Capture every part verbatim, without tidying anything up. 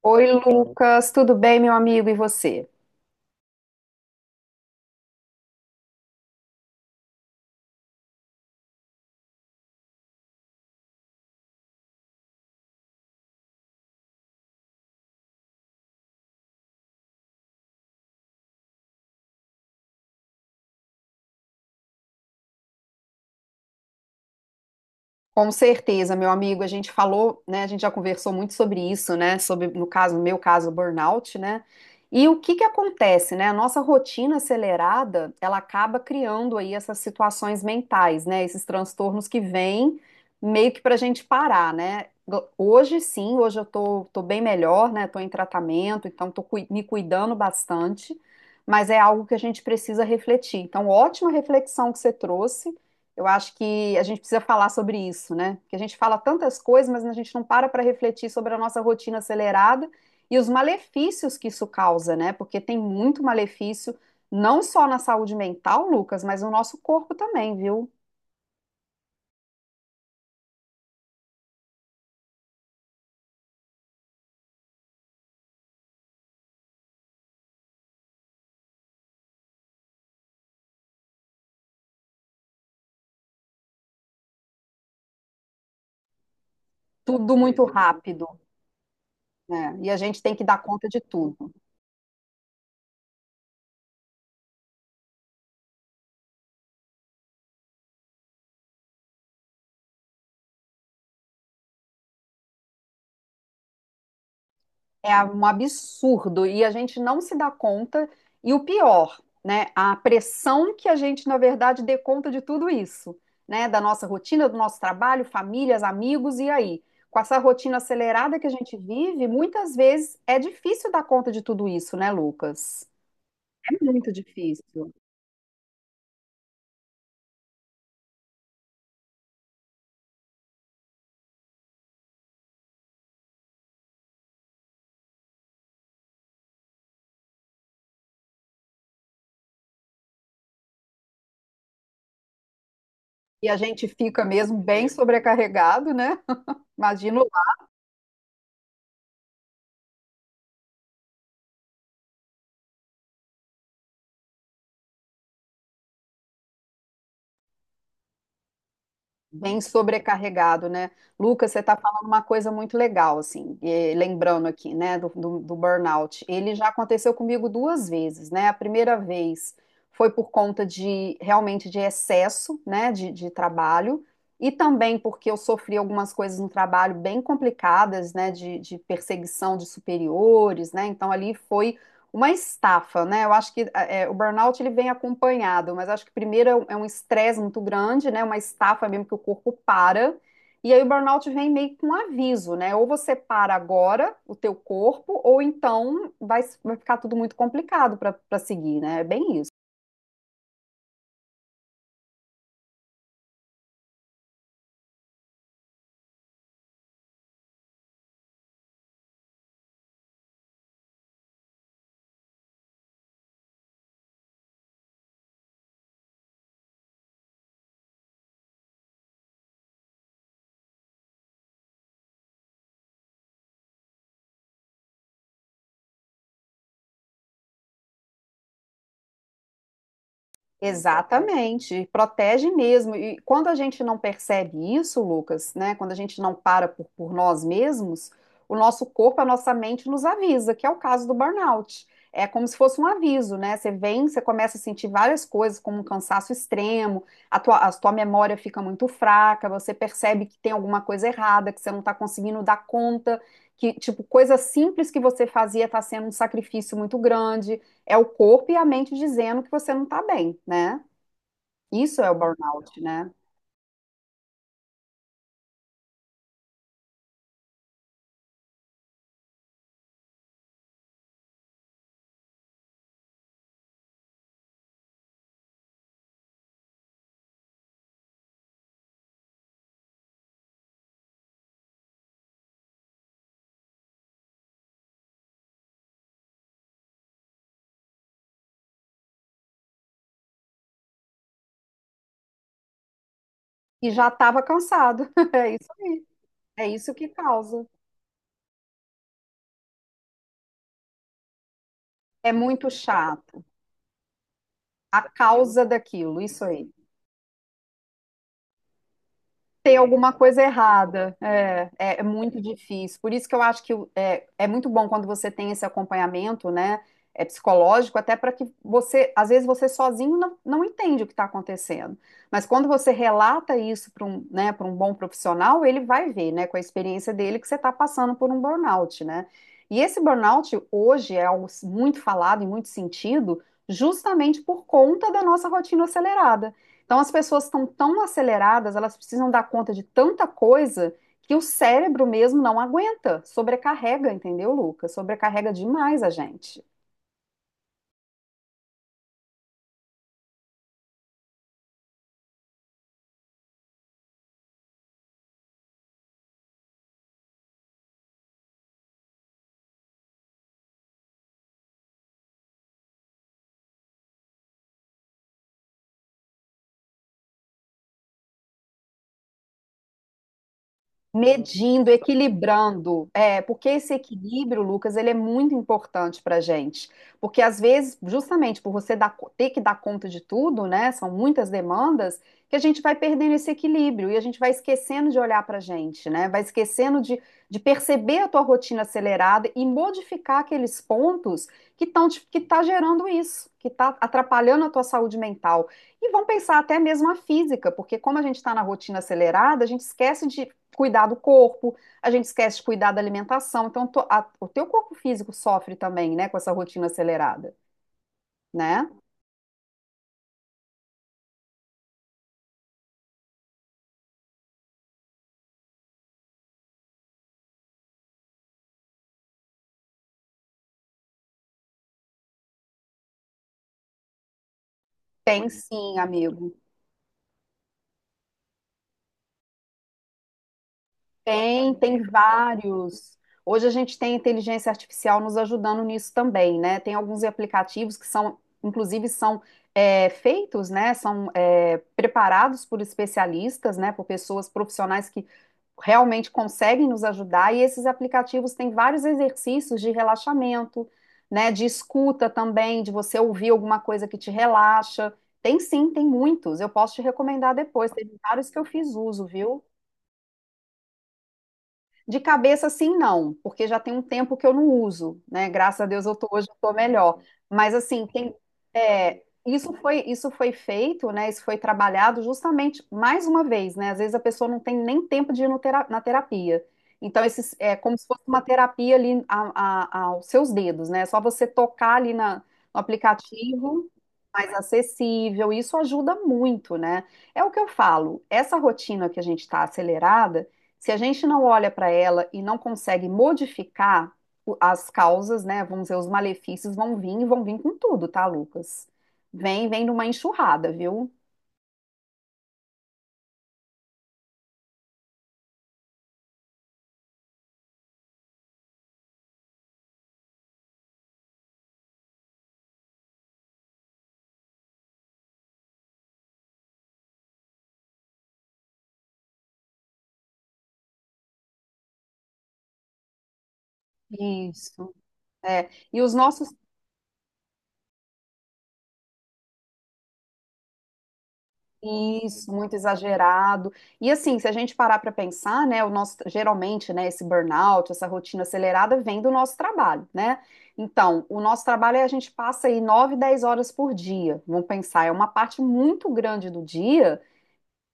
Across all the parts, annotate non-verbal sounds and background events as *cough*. Oi, Lucas, tudo bem, meu amigo? E você? Com certeza, meu amigo, a gente falou, né? A gente já conversou muito sobre isso, né? Sobre, no caso, no meu caso, burnout, né? E o que que acontece, né? A nossa rotina acelerada, ela acaba criando aí essas situações mentais, né? Esses transtornos que vêm meio que pra gente parar, né? Hoje sim, hoje eu tô, tô bem melhor, né? Tô em tratamento, então tô cui- me cuidando bastante, mas é algo que a gente precisa refletir. Então, ótima reflexão que você trouxe. Eu acho que a gente precisa falar sobre isso, né? Porque a gente fala tantas coisas, mas a gente não para para refletir sobre a nossa rotina acelerada e os malefícios que isso causa, né? Porque tem muito malefício, não só na saúde mental, Lucas, mas no nosso corpo também, viu? Tudo muito é. rápido, né? E a gente tem que dar conta de tudo. É um absurdo e a gente não se dá conta. E o pior, né, a pressão que a gente, na verdade, dê conta de tudo isso, né, da nossa rotina, do nosso trabalho, famílias, amigos, e aí? Com essa rotina acelerada que a gente vive, muitas vezes é difícil dar conta de tudo isso, né, Lucas? É muito difícil. E a gente fica mesmo bem sobrecarregado, né? Imagino. Bem sobrecarregado, né? Lucas, você está falando uma coisa muito legal, assim, eh, lembrando aqui, né, do, do, do burnout. Ele já aconteceu comigo duas vezes, né? A primeira vez foi por conta de realmente de excesso, né, de, de trabalho, e também porque eu sofri algumas coisas no trabalho bem complicadas, né, de, de perseguição de superiores, né? Então ali foi uma estafa, né? Eu acho que é, é, o burnout ele vem acompanhado, mas acho que primeiro é um- é um estresse muito grande, né? Uma estafa mesmo que o corpo para. E aí o burnout vem meio com um aviso, né? Ou você para agora o teu corpo, ou então vai, vai ficar tudo muito complicado para para seguir, né? É bem isso. Exatamente, protege mesmo. E quando a gente não percebe isso, Lucas, né? Quando a gente não para por, por nós mesmos, o nosso corpo, a nossa mente nos avisa, que é o caso do burnout. É como se fosse um aviso, né? Você vem, você começa a sentir várias coisas, como um cansaço extremo, a tua, a tua memória fica muito fraca, você percebe que tem alguma coisa errada, que você não está conseguindo dar conta, que, tipo, coisa simples que você fazia está sendo um sacrifício muito grande. É o corpo e a mente dizendo que você não está bem, né? Isso é o burnout, né? E já estava cansado. *laughs* É isso aí. É isso que causa. É muito chato. A causa daquilo, isso aí. Ter alguma coisa errada. É, é, é muito difícil. Por isso que eu acho que o- é, é muito bom quando você tem esse acompanhamento, né? É psicológico, até para que você, às vezes você sozinho não, não entende o que está acontecendo. Mas quando você relata isso para um, né, para um bom profissional, ele vai ver, né, com a experiência dele, que você está passando por um burnout, né? E esse burnout hoje é algo muito falado em muito sentido, justamente por conta da nossa rotina acelerada. Então, as pessoas estão tão aceleradas, elas precisam dar conta de tanta coisa que o cérebro mesmo não aguenta, sobrecarrega, entendeu, Lucas? Sobrecarrega demais a gente. Medindo, equilibrando, é, porque esse equilíbrio, Lucas, ele é muito importante para gente, porque às vezes, justamente por você dar- ter que dar conta de tudo, né, são muitas demandas, que a gente vai perdendo esse equilíbrio e a gente vai esquecendo de olhar para a gente, né, vai esquecendo de, de perceber a tua rotina acelerada e modificar aqueles pontos que estão que tá gerando isso, que está atrapalhando a tua saúde mental. E vão pensar até mesmo a física, porque como a gente está na rotina acelerada, a gente esquece de cuidar do corpo, a gente esquece de cuidar da alimentação. Então, to- a- o teu corpo físico sofre também, né, com essa rotina acelerada, né? Tem sim, amigo. Tem, tem vários. Hoje a gente tem inteligência artificial nos ajudando nisso também, né? Tem alguns aplicativos que são, inclusive, são é, feitos, né? São é, preparados por especialistas, né? Por pessoas profissionais que realmente conseguem nos ajudar. E esses aplicativos têm vários exercícios de relaxamento, né? De escuta também, de você ouvir alguma coisa que te relaxa. Tem sim, tem muitos. Eu posso te recomendar depois. Tem vários que eu fiz uso, viu? De cabeça, sim, não, porque já tem um tempo que eu não uso, né? Graças a Deus eu tô, hoje eu tô melhor. Mas assim, tem, é, isso foi, isso foi feito, né? Isso foi trabalhado justamente mais uma vez, né? Às vezes a pessoa não tem nem tempo de ir no tera- na terapia. Então, esses, é como se fosse uma terapia ali a- a- aos seus dedos, né? É só você tocar ali na, no aplicativo mais acessível, isso ajuda muito, né? É o que eu falo, essa rotina que a gente está acelerada. Se a gente não olha para ela e não consegue modificar as causas, né? Vamos dizer, os malefícios vão vir e vão vir com tudo, tá, Lucas? Vem, vem numa enxurrada, viu? Isso. É, e os nossos isso, muito exagerado. E assim, se a gente parar para pensar, né, o nosso geralmente, né, esse burnout, essa rotina acelerada vem do nosso trabalho, né? Então, o nosso trabalho é a gente passa aí nove dez horas por dia. Vamos pensar, é uma parte muito grande do dia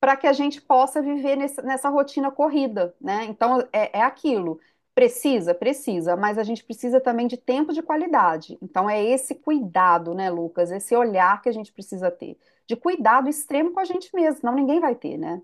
para que a gente possa viver nesse- nessa rotina corrida, né? Então é, é aquilo. Precisa, precisa, mas a gente precisa também de tempo de qualidade. Então é esse cuidado, né, Lucas? Esse olhar que a gente precisa ter. De cuidado extremo com a gente mesmo, senão ninguém vai ter, né?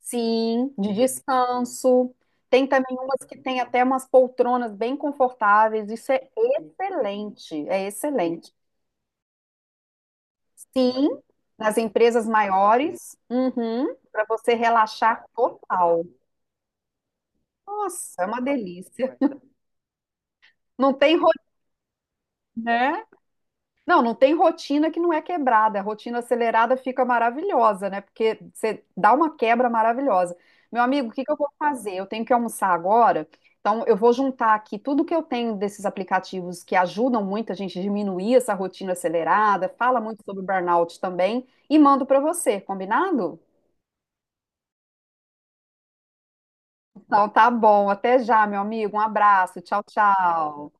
Sim, de descanso. Tem também umas que tem até umas poltronas bem confortáveis. Isso é excelente, é excelente. Sim, nas empresas maiores, uhum, para você relaxar total. Nossa, é uma delícia. Não tem rotina, né? Não, não tem rotina que não é quebrada. A rotina acelerada fica maravilhosa, né? Porque você dá uma quebra maravilhosa. Meu amigo, o que que eu vou fazer? Eu tenho que almoçar agora. Então, eu vou juntar aqui tudo que eu tenho desses aplicativos que ajudam muito a gente a diminuir essa rotina acelerada, fala muito sobre burnout também, e mando para você, combinado? Então, tá bom. Até já, meu amigo. Um abraço. Tchau, tchau.